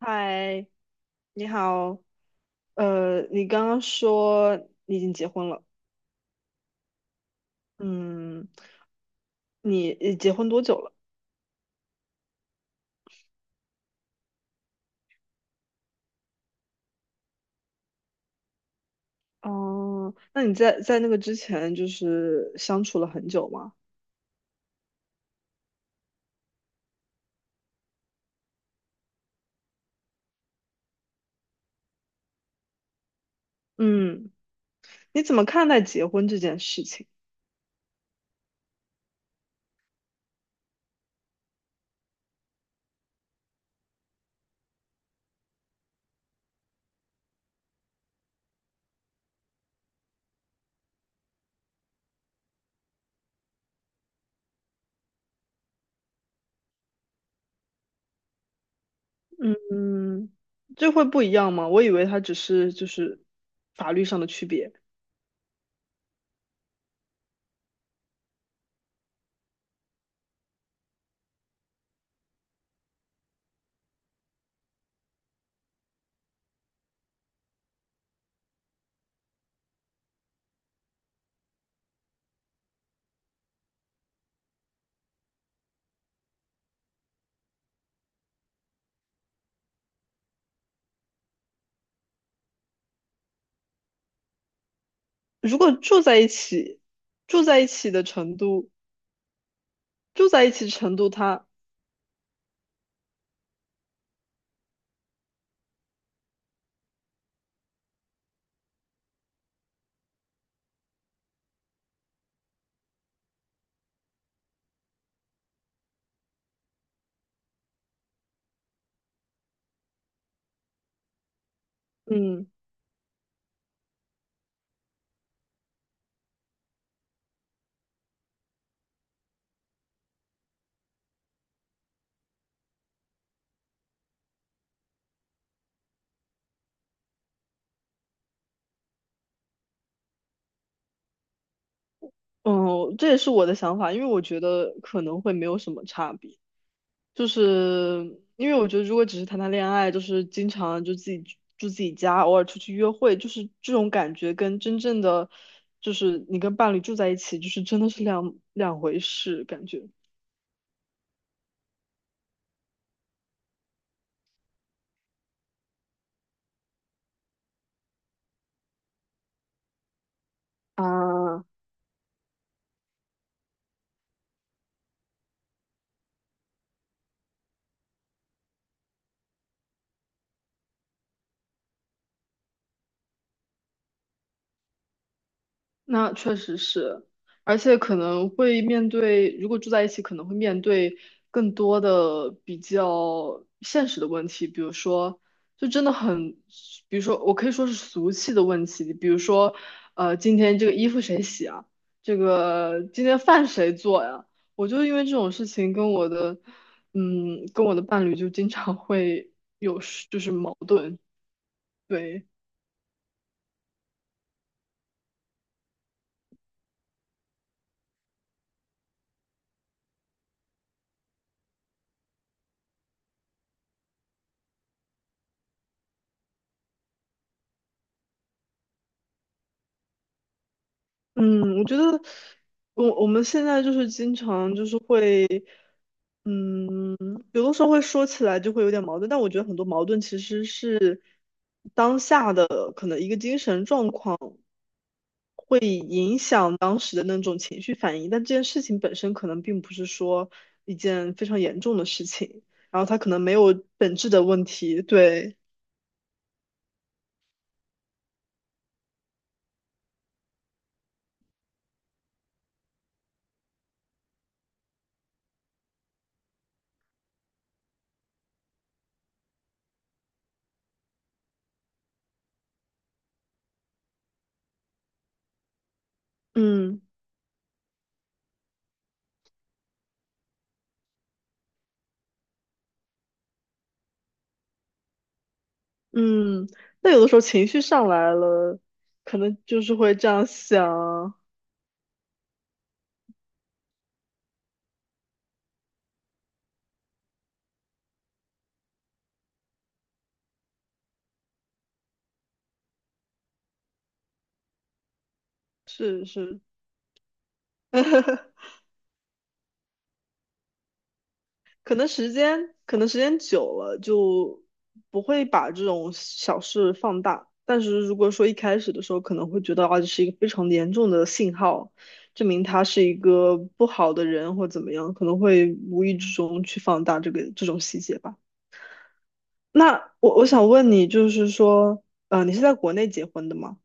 嗨，你好。你刚刚说你已经结婚了，嗯，你结婚多久了？哦，那你在那个之前就是相处了很久吗？嗯，你怎么看待结婚这件事情？嗯，这会不一样吗？我以为它只是就是法律上的区别。如果住在一起，住在一起的程度，住在一起程度它，嗯。嗯，这也是我的想法，因为我觉得可能会没有什么差别，就是因为我觉得如果只是谈谈恋爱，就是经常就自己住住自己家，偶尔出去约会，就是这种感觉跟真正的就是你跟伴侣住在一起，就是真的是两回事感觉。啊。那确实是，而且可能会面对，如果住在一起，可能会面对更多的比较现实的问题，比如说，就真的很，比如说，我可以说是俗气的问题，比如说，今天这个衣服谁洗啊？这个今天饭谁做呀？我就因为这种事情跟我的，跟我的伴侣就经常会有，就是矛盾，对。嗯，我觉得我们现在就是经常就是会，嗯，有的时候会说起来就会有点矛盾，但我觉得很多矛盾其实是当下的可能一个精神状况会影响当时的那种情绪反应，但这件事情本身可能并不是说一件非常严重的事情，然后它可能没有本质的问题，对，嗯嗯，那有的时候情绪上来了，可能就是会这样想。是是，可能时间久了就不会把这种小事放大，但是如果说一开始的时候可能会觉得啊，这是一个非常严重的信号，证明他是一个不好的人或怎么样，可能会无意之中去放大这种细节吧。那我想问你，就是说，你是在国内结婚的吗？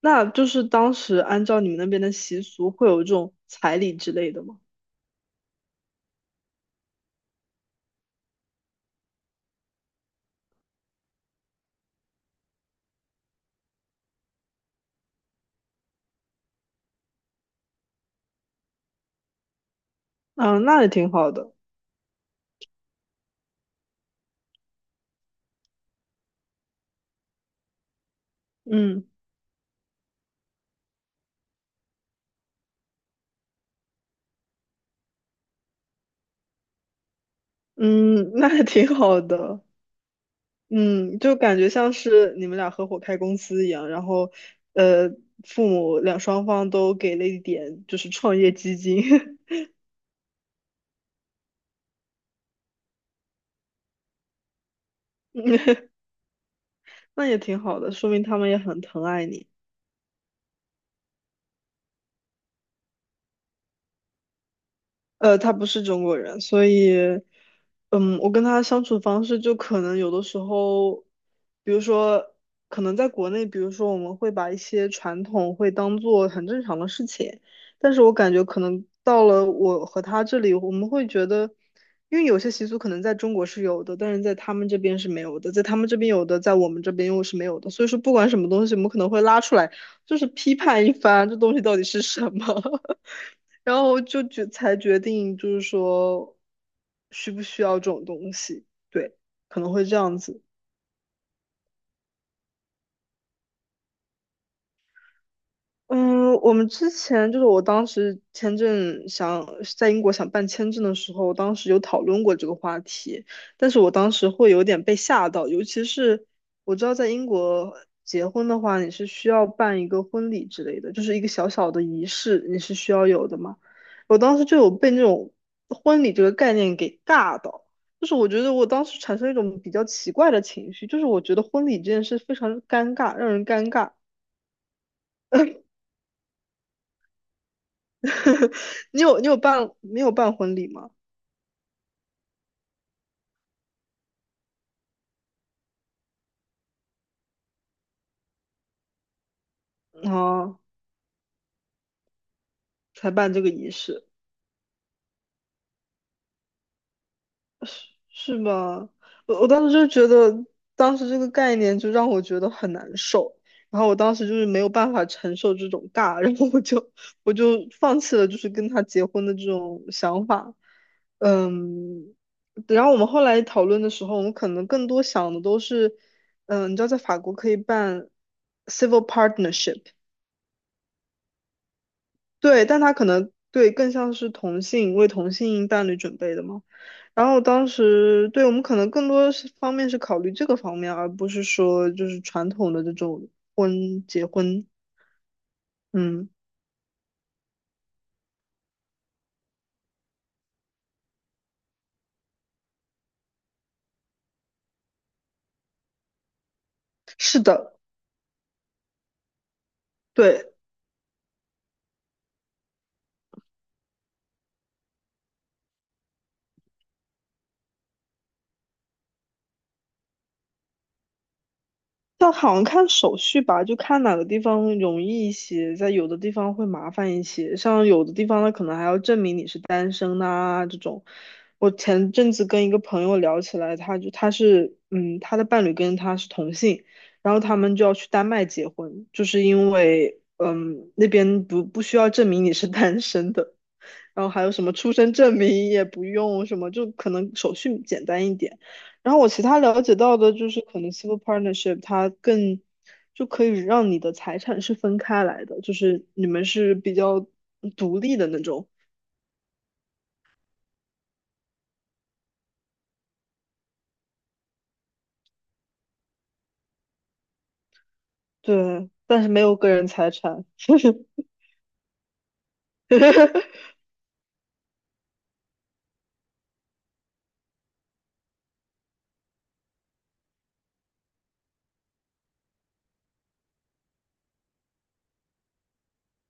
那就是当时按照你们那边的习俗，会有这种彩礼之类的吗？嗯、那也挺好的。嗯。嗯，那还挺好的。嗯，就感觉像是你们俩合伙开公司一样，然后，呃，父母双方都给了一点就是创业基金，那也挺好的，说明他们也很疼爱你。他不是中国人，所以，我跟他相处方式就可能有的时候，比如说，可能在国内，比如说我们会把一些传统会当做很正常的事情，但是我感觉可能到了我和他这里，我们会觉得，因为有些习俗可能在中国是有的，但是在他们这边是没有的，在他们这边有的，在我们这边又是没有的，所以说不管什么东西，我们可能会拉出来，就是批判一番，这东西到底是什么。然后就决定就是说需不需要这种东西，对，可能会这样子。嗯，我们之前就是我当时签证想在英国想办签证的时候，当时有讨论过这个话题，但是我当时会有点被吓到，尤其是我知道在英国结婚的话，你是需要办一个婚礼之类的，就是一个小小的仪式，你是需要有的嘛。我当时就有被那种婚礼这个概念给尬到，就是我觉得我当时产生一种比较奇怪的情绪，就是我觉得婚礼这件事非常尴尬，让人尴尬。你有办没有办婚礼吗？哦，才办这个仪式，是是吧？我当时就觉得，当时这个概念就让我觉得很难受，然后我当时就是没有办法承受这种尬，然后我就放弃了，就是跟他结婚的这种想法。嗯，然后我们后来讨论的时候，我们可能更多想的都是，你知道在法国可以办 civil partnership。对，但他可能对更像是为同性伴侣准备的嘛。然后当时对我们可能更多是方面是考虑这个方面，而不是说就是传统的这种结婚。嗯，是的，对。但好像看手续吧，就看哪个地方容易一些，在有的地方会麻烦一些。像有的地方，它可能还要证明你是单身呐、这种。我前阵子跟一个朋友聊起来，他的伴侣跟他是同性，然后他们就要去丹麦结婚，就是因为那边不需要证明你是 单身的。然后还有什么出生证明也不用什么，就可能手续简单一点。然后我其他了解到的就是，可能 civil partnership 它更就可以让你的财产是分开来的，就是你们是比较独立的那种，对，但是没有个人财产。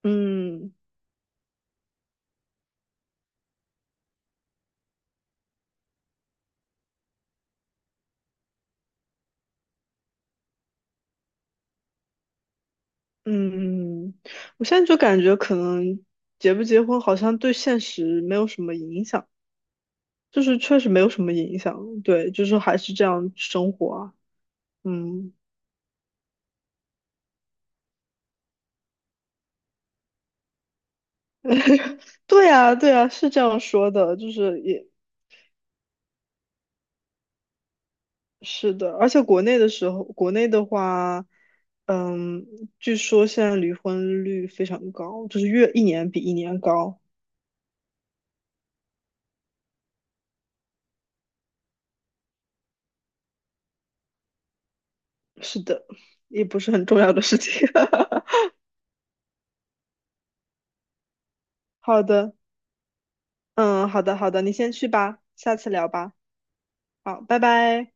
嗯嗯，我现在就感觉可能结不结婚好像对现实没有什么影响，就是确实没有什么影响，对，就是还是这样生活啊。嗯，对呀，对呀，是这样说的，就是也是的，而且国内的时候，国内的话，嗯，据说现在离婚率非常高，就是越一年比一年高。是的，也不是很重要的事情。好的，嗯，好的，好的，你先去吧，下次聊吧。好，拜拜。